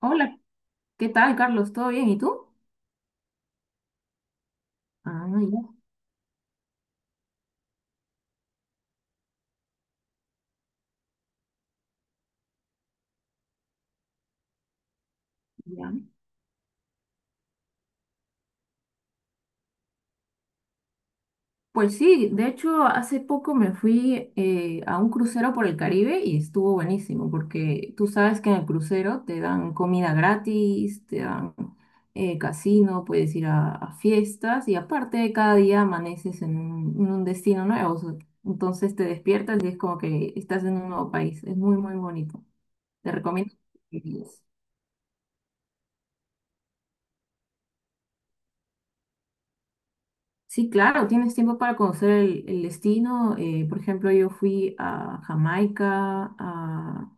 Hola, ¿qué tal, Carlos? ¿Todo bien? ¿Y tú? Ah, ya. Pues sí, de hecho, hace poco me fui a un crucero por el Caribe y estuvo buenísimo, porque tú sabes que en el crucero te dan comida gratis, te dan casino, puedes ir a fiestas y aparte cada día amaneces en en un destino nuevo. Entonces te despiertas y es como que estás en un nuevo país. Es muy, muy bonito. Te recomiendo que lo visites. Sí, claro, tienes tiempo para conocer el destino. Por ejemplo, yo fui a Jamaica,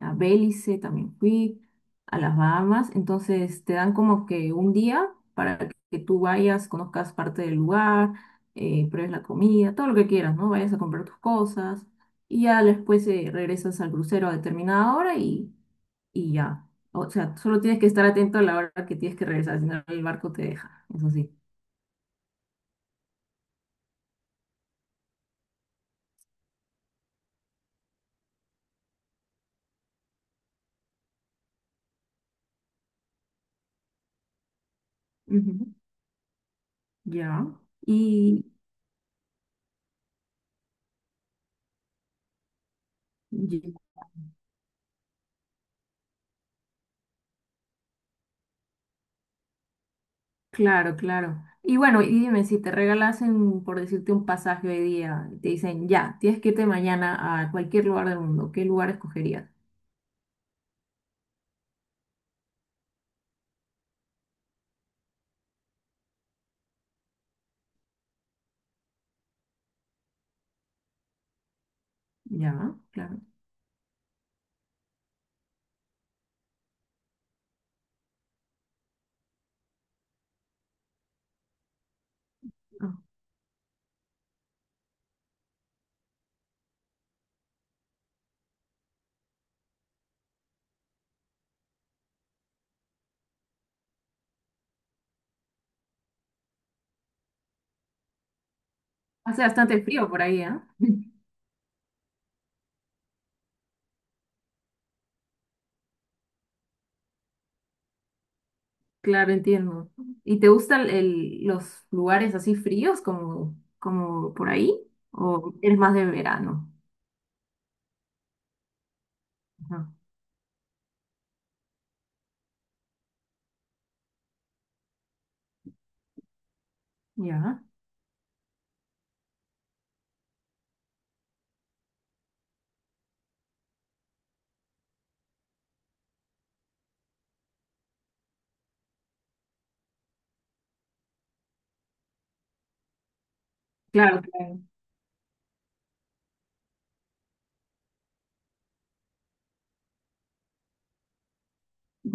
a Belice también fui, a las Bahamas. Entonces te dan como que un día para que tú vayas, conozcas parte del lugar, pruebes la comida, todo lo que quieras, ¿no? Vayas a comprar tus cosas y ya después regresas al crucero a determinada hora y ya. O sea, solo tienes que estar atento a la hora que tienes que regresar, si no el barco te deja, eso sí. Ya. Y, y- claro, claro. Y bueno, y dime, si te regalasen, por decirte, un pasaje hoy día, y te dicen, ya, tienes que irte mañana a cualquier lugar del mundo, ¿qué lugar escogerías? Ya, claro. Ah, hace bastante frío por ahí, ¿ah? Claro, entiendo. ¿Y te gustan los lugares así fríos como, como por ahí? ¿O eres más de verano? Ajá. Ya. Claro, claro.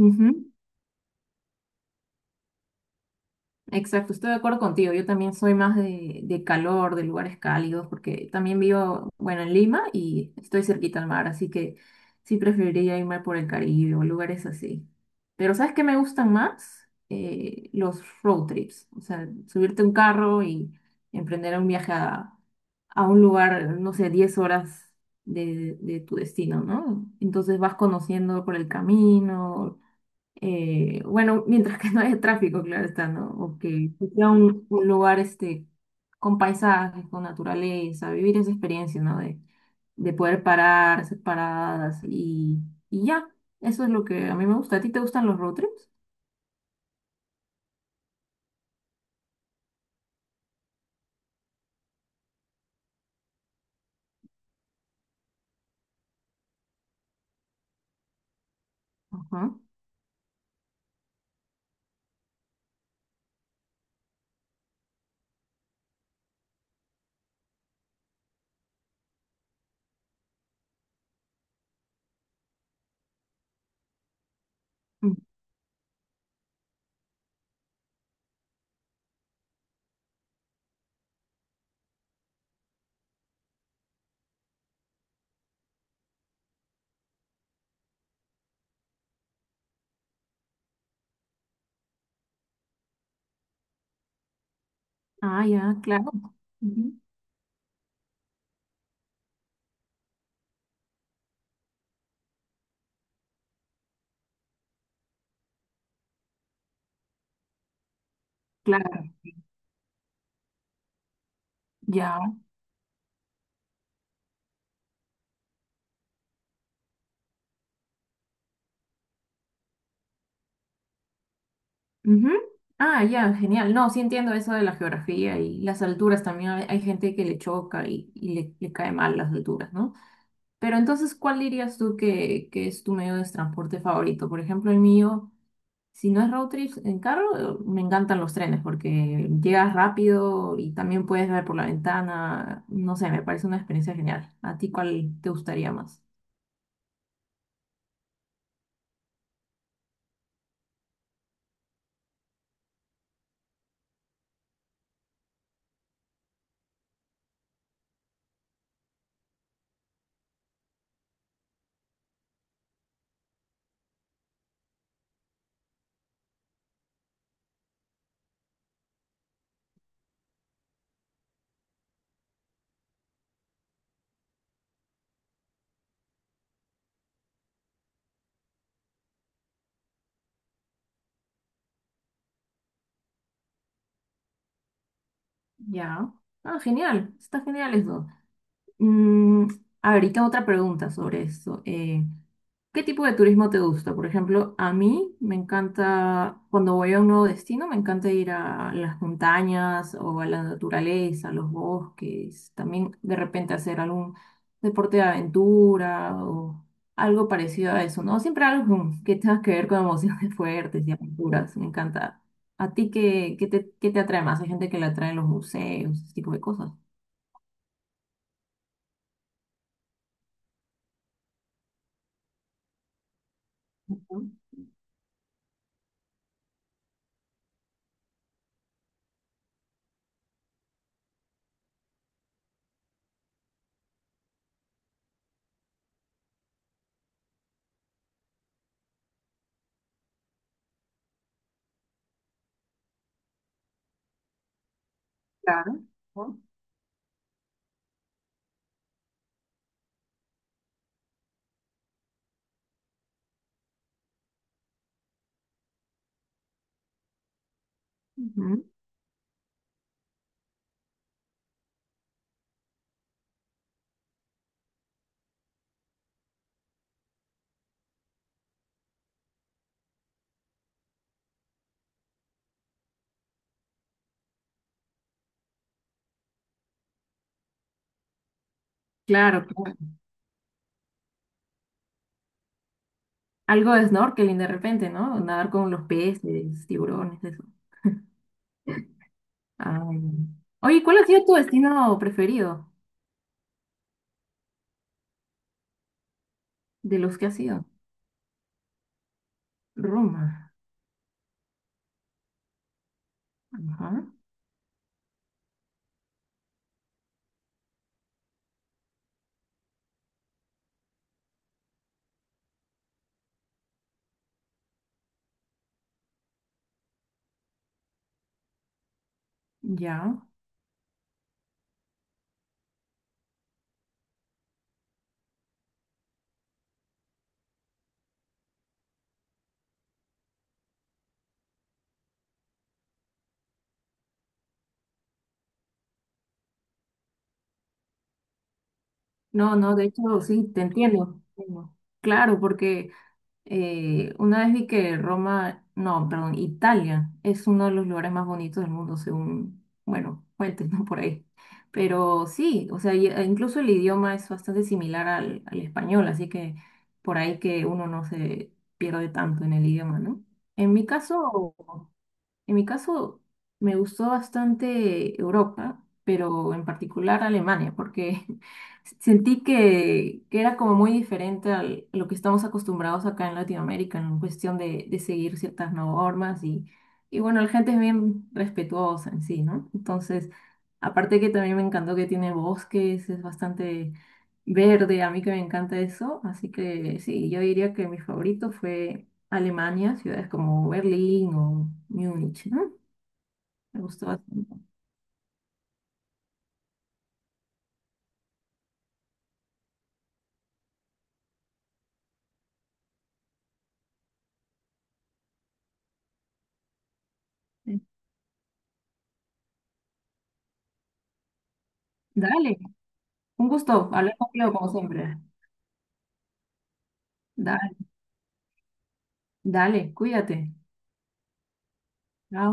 Ujú. Exacto, estoy de acuerdo contigo. Yo también soy más de calor, de lugares cálidos, porque también vivo, bueno, en Lima y estoy cerquita al mar, así que sí preferiría irme por el Caribe o lugares así. Pero ¿sabes qué me gustan más? Los road trips, o sea, subirte a un carro y emprender un viaje a un lugar, no sé, 10 horas de tu destino, ¿no? Entonces vas conociendo por el camino, bueno, mientras que no haya tráfico, claro está, ¿no? O que sea un lugar este, con paisajes, con naturaleza, vivir esa experiencia, ¿no? De poder parar, hacer paradas y ya. Eso es lo que a mí me gusta. ¿A ti te gustan los road trips? Ajá. Mm. Ah, ya, claro. Ujú. Claro, ya. Ujú. Ah, ya, genial. No, sí entiendo eso de la geografía y las alturas también. Hay gente que le choca y le cae mal las alturas, ¿no? Pero entonces, ¿cuál dirías tú que es tu medio de transporte favorito? Por ejemplo, el mío, si no es road trip en carro, me encantan los trenes porque llegas rápido y también puedes ver por la ventana. No sé, me parece una experiencia genial. ¿A ti cuál te gustaría más? Ya. Ah, genial. Está genial eso. Mm, a ver, y tengo otra pregunta sobre esto. ¿Qué tipo de turismo te gusta? Por ejemplo, a mí me encanta, cuando voy a un nuevo destino, me encanta ir a las montañas o a la naturaleza, a los bosques, también de repente hacer algún deporte de aventura o algo parecido a eso, ¿no? Siempre algo que tenga que ver con emociones fuertes y aventuras, me encanta. ¿A ti qué, qué te atrae más? Hay gente que le atraen los museos, ese tipo de cosas. Ujú, Claro. ujú. Ujú. Claro, claro. Algo de snorkeling de repente, ¿no? Nadar con los peces, tiburones, eso. Ah, oye, ¿cuál ha sido tu destino preferido de los que has ido? Roma. Ajá. Ya. No, no, de hecho, sí, te entiendo. Entiendo. Claro, porque una vez vi que Roma, no, perdón, Italia es uno de los lugares más bonitos del mundo, según, bueno, fuentes, ¿no? Por ahí. Pero sí, o sea, e incluso el idioma es bastante similar al español, así que por ahí que uno no se pierde tanto en el idioma, ¿no? En mi caso, en mi caso, me gustó bastante Europa, pero en particular Alemania, porque sentí que era como muy diferente a lo que estamos acostumbrados acá en Latinoamérica, en cuestión de seguir ciertas normas y bueno, la gente es bien respetuosa en sí, ¿no? Entonces, aparte que también me encantó que tiene bosques, es bastante verde, a mí que me encanta eso, así que sí, yo diría que mi favorito fue Alemania, ciudades como Berlín o Múnich, ¿no? Me gustó bastante. Sí. Dale, un gusto hablar contigo como siempre. Dale, dale, cuídate. Chao.